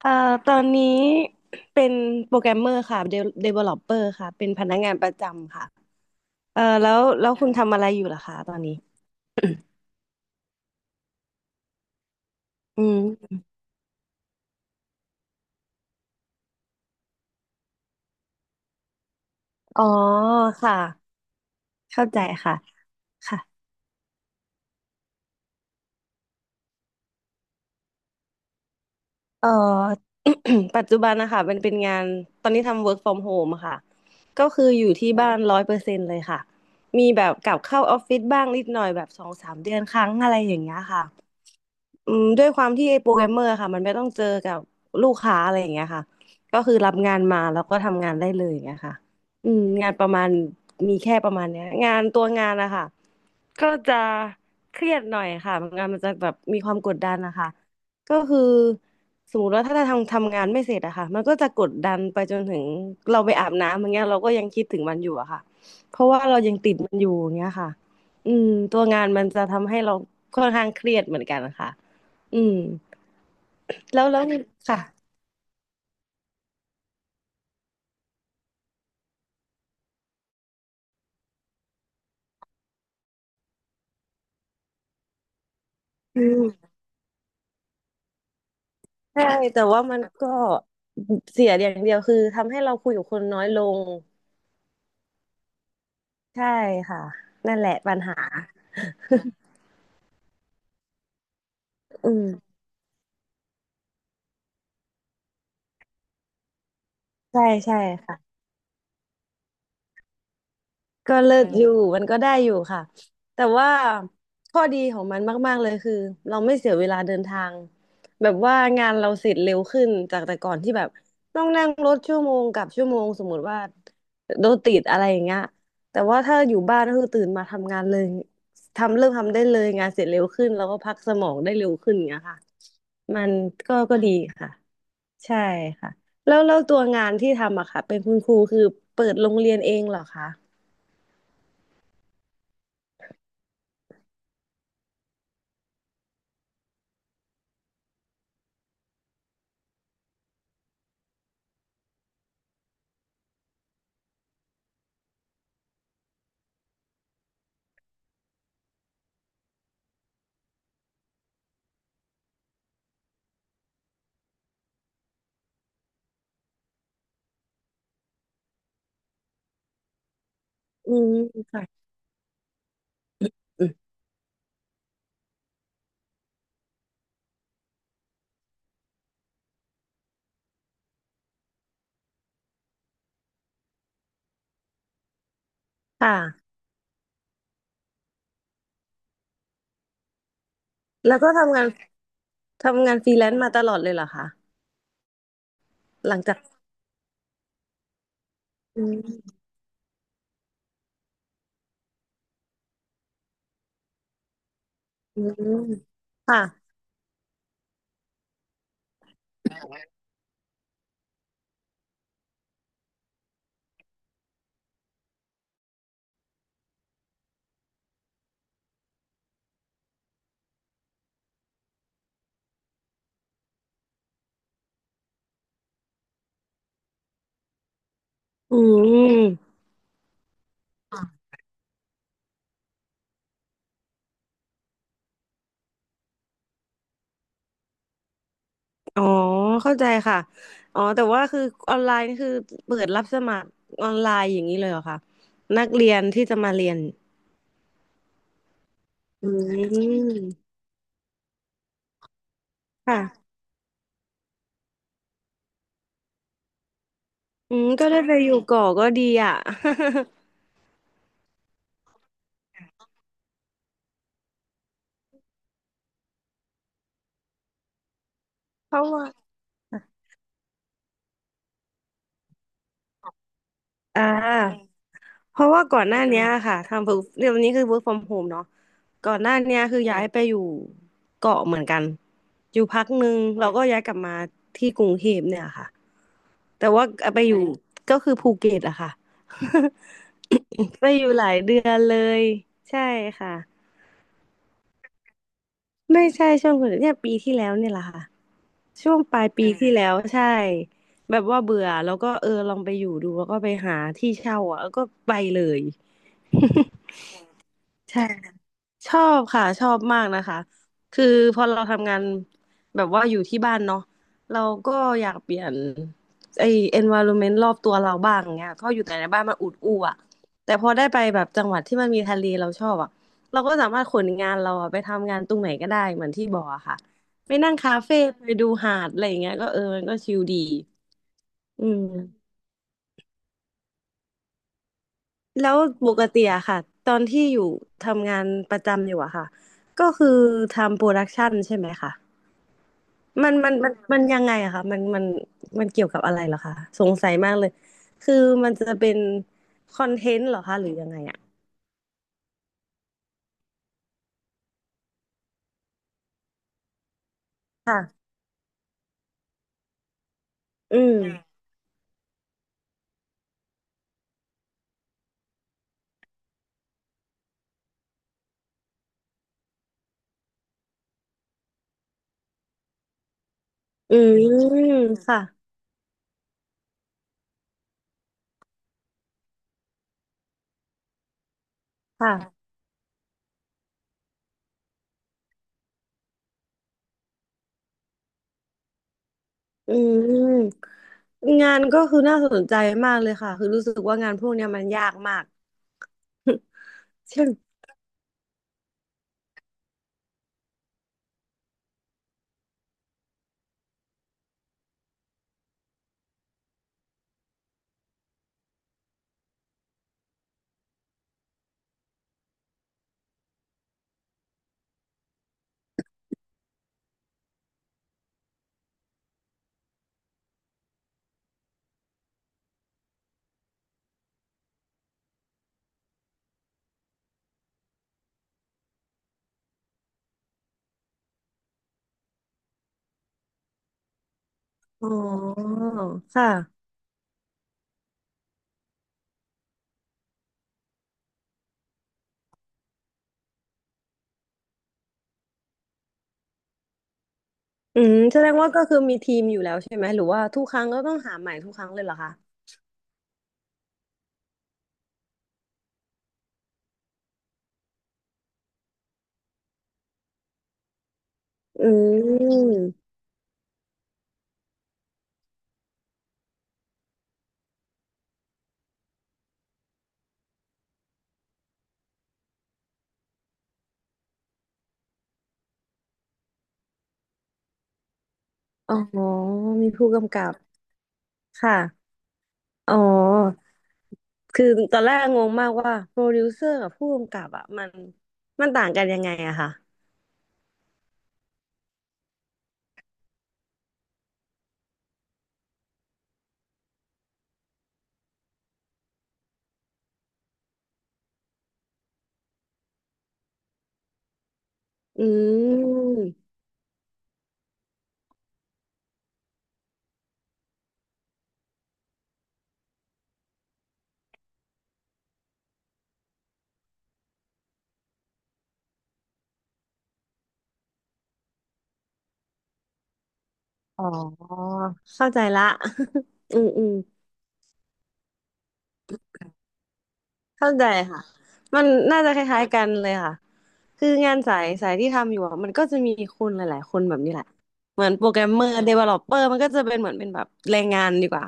เอ่อตอนนี้เป็นโปรแกรมเมอร์ค่ะเดเวลลอปเปอร์ค่ะเป็นพนักงานประจำค่ะแล้วคุณทำอะไรอยู่ล่ะคะตอนนี้ อืมอ๋อค่ะเข้าใจค่ะค่ะเอ่อ ปัจจุบันนะคะเป็นงานตอนนี้ทำ work from home อะค่ะก็คืออยู่ที่บ้านร้อยเปอร์เซ็นต์เลยค่ะมีแบบกลับเข้าออฟฟิศบ้างนิดหน่อยแบบสองสามเดือนครั้งอะไรอย่างเงี้ยค่ะ อืมด้วยความที่ไอ้โปรแกรมเมอร์ค่ะมันไม่ต้องเจอกับลูกค้าอะไรอย่างเงี้ยค่ะก็คือรับงานมาแล้วก็ทำงานได้เลยอย่างเงี้ยค่ะอืมงานประมาณมีแค่ประมาณเนี้ยงานตัวงานนะคะก็จะเครียดหน่อยค่ะงานมันจะแบบมีความกดดันนะคะก็คือสมมติว่าถ้าเราทำงานไม่เสร็จอะค่ะมันก็จะกดดันไปจนถึงเราไปอาบน้ำอย่างเงี้ยเราก็ยังคิดถึงมันอยู่อะค่ะเพราะว่าเรายังติดมันอยู่อย่างเงี้ยค่ะอืมตัวงานมันจะทำให้เราค่อนข้างเครียดเหมือนกันค่ะ อืมแล้วแล้วนีค่ะอืมใช่แต่ว่ามันก็เสียอย่างเดียวคือทำให้เราคุยกับคนน้อยลงใช่ค่ะนั่นแหละปัญหาอืมใช่ใช่ค่ะ ก็เลิศอศอยู่มมันก็ได้อยู่ค่ะแต่ว่าข้อดีของมันมากๆเลยคือเราไม่เสียเวลาเดินทางแบบว่างานเราเสร็จเร็วขึ้นจากแต่ก่อนที่แบบต้องนั่งรถชั่วโมงกับชั่วโมงสมมติว่าโดนติดอะไรอย่างเงี้ยแต่ว่าถ้าอยู่บ้านก็คือตื่นมาทำงานเลยทำเริ่มทำได้เลยงานเสร็จเร็วขึ้นแล้วก็พักสมองได้เร็วขึ้นอย่างเงี้ยค่ะมันก็ดีค่ะใช่ค่ะแล้วตัวงานที่ทำอะค่ะเป็นคุณครูคือเปิดโรงเรียนเองเหรอคะอืมค่ะ อืมค่ะแล้วก็ทำงานฟรีแลนซ์มาตลอดเลยเหรอคะหลังจากอืมอืมค่ะอืมอ๋อเข้าใจค่ะอ๋อแต่ว่าคือออนไลน์นี่คือเปิดรับสมัครออนไลน์อย่างนี้เลยเหรอคะนักเรียนที่จะมาเรียนอืมค่ะอืมก็ได้ไปอยู่ก่อก็ดีอ่ะ อ่าเพราะว่าก่อนหน้านี้ค่ะทำ work เดี๋ยวนี้คือ work from home เนอะ ก่อนหน้าเนี้ยคือย้ายไปอยู่เกาะเหมือนกันอยู่พักหนึ่งเราก็ย้ายกลับมาที่กรุงเทพเนี่ยค่ะแต่ว่าไปอยู่ก็คือภูเก็ตอะค่ะ ไปอยู่หลายเดือนเลยใช่ค่ะไม่ใช่ช่วงโคุณเนี่ยปีที่แล้วเนี่ยแหละค่ะช่วงปลายปีาที่แล้วใช่แบบว่าเบื่อแล้วก็เออลองไปอยู่ดูแล้วก็ไปหาที่เช่าอ่ะแล้วก็ไปเลย ใช่ ชอบค่ะชอบมากนะคะคือพอเราทำงานแบบว่าอยู่ที่บ้านเนาะเราก็อยากเปลี่ยนไอ้ environment รอบตัวเราบ้างเงี้ยเพราะอยู่แต่ในบ้านมันอุดอู้อะแต่พอได้ไปแบบจังหวัดที่มันมีทะเลเราชอบอะเราก็สามารถขนงานเราอะไปทำงานตรงไหนก็ได้เหมือนที่บอกอะค่ะไปนั่งคาเฟ่ไปดูหาดอะไรอย่างเงี้ยก็เออมันก็ชิลดีอืมแล้วปกติอะค่ะตอนที่อยู่ทำงานประจำอยู่อะค่ะก็คือทำโปรดักชันใช่ไหมคะ มันยังไงอะคะมันเกี่ยวกับอะไรเหรอคะ สงสัยมากเลย คือมันจะเป็นคอนเทนต์เหรอคะหรือยังไงอะค่ะ อืมอืมค่ะค่ะอืมงานก็คือน่าสนใจมากเลยค่ะ คือรู้สึกว่างานพวกเนี้ยมันยากมาก ใช่ไหมอ๋อ ค่ะ อืมแสดงว่าก็คือมีทีมอยู่แล้วใช่ไหม หรือว่าทุกครั้งก็ต้องหาใหม่ทุกครั้งเลยเหรอคะอืมอ๋อมีผู้กำกับค่ะ อ๋อ คือตอนแรกงงมากว่าโปรดิวเซอร์กับผู้กำกับอ่ะมันต่างกันยังไงอะค่ะอืมอ๋อ เข้าใจละ อืมอืม เข้าใจค่ะมันน่าจะคล้ายๆกันเลยค่ะคืองานสายสายที่ทำอยู่อะมันก็จะมีคนหลายๆคนแบบนี้แหละเหมือนโปรแกรมเมอร์เดเวลลอปเปอร์มันก็จะเป็นเหมือนเป็นแบบแรงงานดีกว่า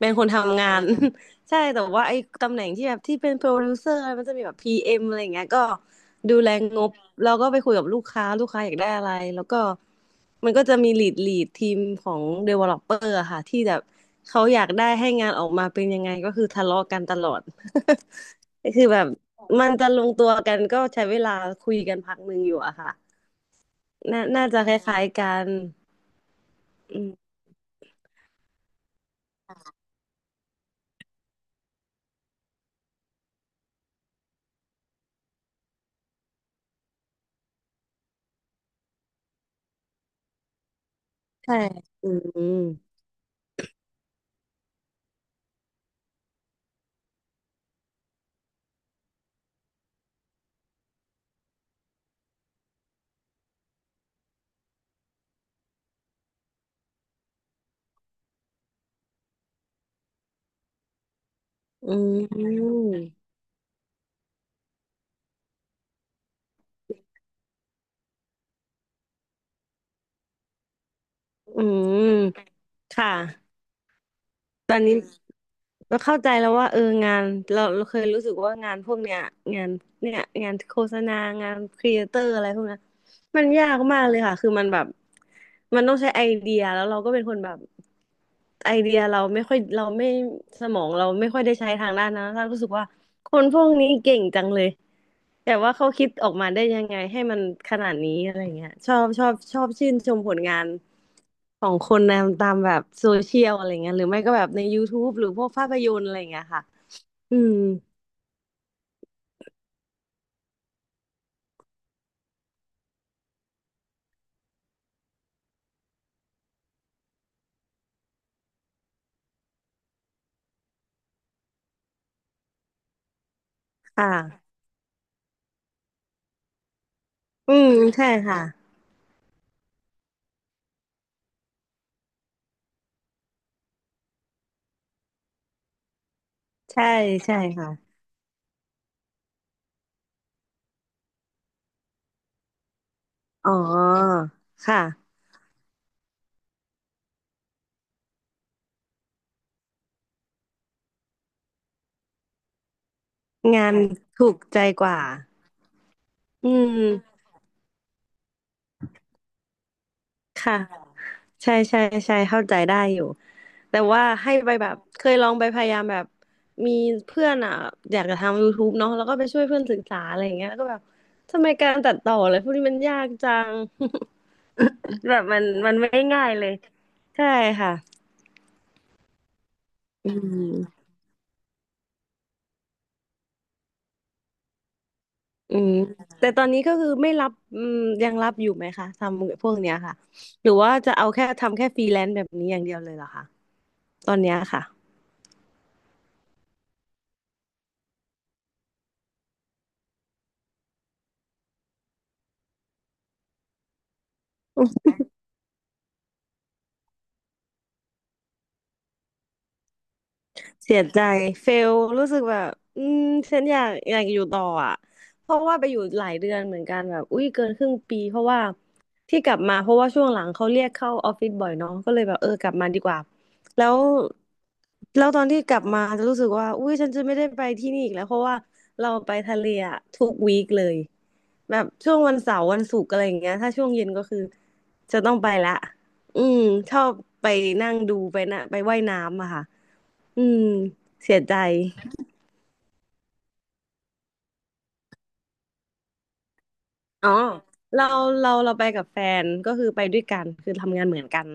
เป็นคนทำงาน ใช่แต่ว่าไอ้ตำแหน่งที่แบบที่เป็นโปรดิวเซอร์มันจะมีแบบพีเอ็มอะไรอย่างเงี้ยก็ดูแลงบแล้วก็ไปคุยกับลูกค้าลูกค้าอยากได้อะไรแล้วก็มันก็จะมีลีดทีมของเดเวลลอปเปอร์ค่ะที่แบบเขาอยากได้ให้งานออกมาเป็นยังไงก็คือทะเลาะกันตลอด คือแบบมันจะลงตัวกันก็ใช้เวลาคุยกันพักหนึ่งอยู่อะค่ะน่าน่าจะคล้ายๆกันอืมใช่อืมอืมอืมอืมค่ะตอนนี้ เราเข้าใจแล้วว่าเอองานเราเคยรู้สึกว่างานพวกเนี้ยงานเนี่ยงานโฆษณางานครีเอเตอร์อะไรพวกเนี้ยมันยากมากเลยค่ะคือมันแบบมันต้องใช้ไอเดียแล้วเราก็เป็นคนแบบไอเดียเราไม่ค่อยเราไม่สมองเราไม่ค่อยได้ใช้ทางด้านนั้นเรารู้สึกว่าคนพวกนี้เก่งจังเลยแต่ว่าเขาคิดออกมาได้ยังไงให้มันขนาดนี้อะไรเงี้ยชอบชอบชอบชื่นชมผลงาน ของคนนะตามแบบโซเชียลอะไรเงี้ยหรือไม่ก็แบบใน YouTube หรือพวกภาพยนตร์อะไรเงี้ยค่ะ อืม ค่ะอืมใช่ค่ะ ใช่ ใช่ค่ะ อ๋อ ค่ะ งานถูกใจกว่า อืม ค่ะ ใช่ใช่ใช่เข้าใจได้อยู่ แต่ว่าให้ไปแบบเคยลองไปพยายามแบบมีเพื่อนอ่ะอยากจะทำ YouTube เนาะแล้วก็ไปช่วยเพื่อนศึกษาอะไรอย่างเงี้ยแล้วก็แบบทำไมการตัดต่ออะไรพวกนี้มันยากจัง แบบมันไม่ง่ายเลยใช่ค่ะอืมอืมแต่ตอนนี้ก็คือไม่รับอืมยังรับอยู่ไหมคะทำพวกเนี้ยค่ะหรือว่าจะเอาแค่ทำแค่ฟรีแลนซ์แบบนี้อย่างเดียวเลยเหรอคะตอนเนี้ยค่ะ เสียใจเฟลรู้สึกแบบอืมฉันอยากอยู่ต่ออ่ะเพราะว่าไปอยู่หลายเดือนเหมือนกันแบบอุ้ยเกินครึ่งปีเพราะว่าที่กลับมาเพราะว่าช่วงหลังเขาเรียกเข้าออฟฟิศบ่อยเนาะก็เลยแบบเออกลับมาดีกว่าแล้วแล้วตอนที่กลับมาจะรู้สึกว่าอุ้ยฉันจะไม่ได้ไปที่นี่อีกแล้วเพราะว่าเราไปทะเลอะทุกวีคเลยแบบช่วงวันเสาร์วันศุกร์อะไรอย่างเงี้ยถ้าช่วงเย็นก็คือจะต้องไปละอืมชอบไปนั่งดูไปนะไปว่ายน้ำอะค่ะ อืมเสียใจอ๋อเราเราไปกับแฟนก็คือไปด้วยกันคือทำงานเหมือนกัน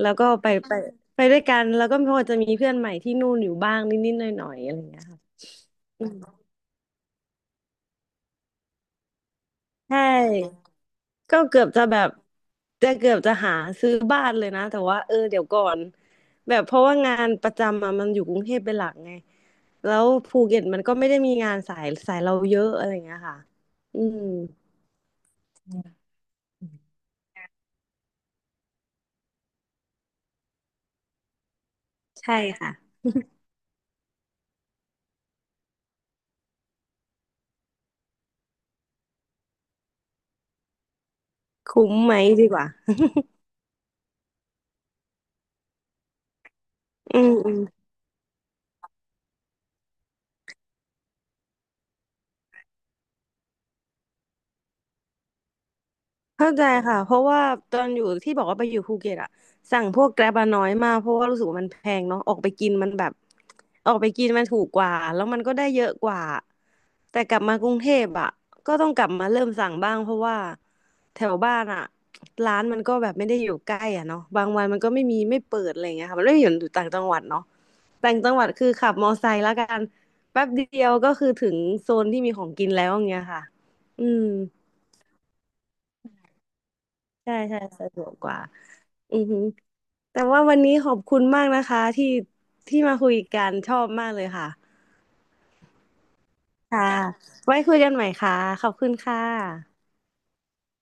แล้วก็ไปไปด้วยกันแล้วก็พอจะมีเพื่อนใหม่ที่นู่นอยู่บ้างนิดๆหน่อยๆอะไรอย่างเงี้ยค่ะอืมใช่ก็เกือบจะแบบจะเกือบจะหาซื้อบ้านเลยนะแต่ว่าเออเดี๋ยวก่อนแบบเพราะว่างานประจำอะมันอยู่กรุงเทพเป็นหลักไงแล้วภูเก็ตมันก็ไม่ได้มีงานสายสายเราเยอะอะไรอย่างเงี้ยค่ะอืมใช่ค่ะคุ้มไหมดีกว่า อืมอืมเข้าใจค่ะเพราะว่าตอนอยู่ที่บอกว่าไปอยู่ภูเก็ตอะสั่งพวกแกร็บอะน้อยมากเพราะว่ารู้สึกว่ามันแพงเนาะออกไปกินมันแบบออกไปกินมันถูกกว่าแล้วมันก็ได้เยอะกว่าแต่กลับมากรุงเทพอะก็ต้องกลับมาเริ่มสั่งบ้างเพราะว่าแถวบ้านอะร้านมันก็แบบไม่ได้อยู่ใกล้อะเนาะบางวันมันก็ไม่มีไม่เปิดอะไรอย่างเงี้ยค่ะมันไม่ได้อยู่ต่างจังหวัดเนาะต่างจังหวัดคือขับมอไซค์แล้วกันแป๊บเดียวก็คือถึงโซนที่มีของกินแล้วอย่างเงี้ยค่ะอืม ใช่ใช่สะดวกกว่าอือฮึแต่ว่าวันนี้ขอบคุณมากนะคะที่ที่มาคุยกันชอบมากเลยค่ะ ค่ะ ไว้คุยกันใหม่ค่ะ ขอบคุณค่ะ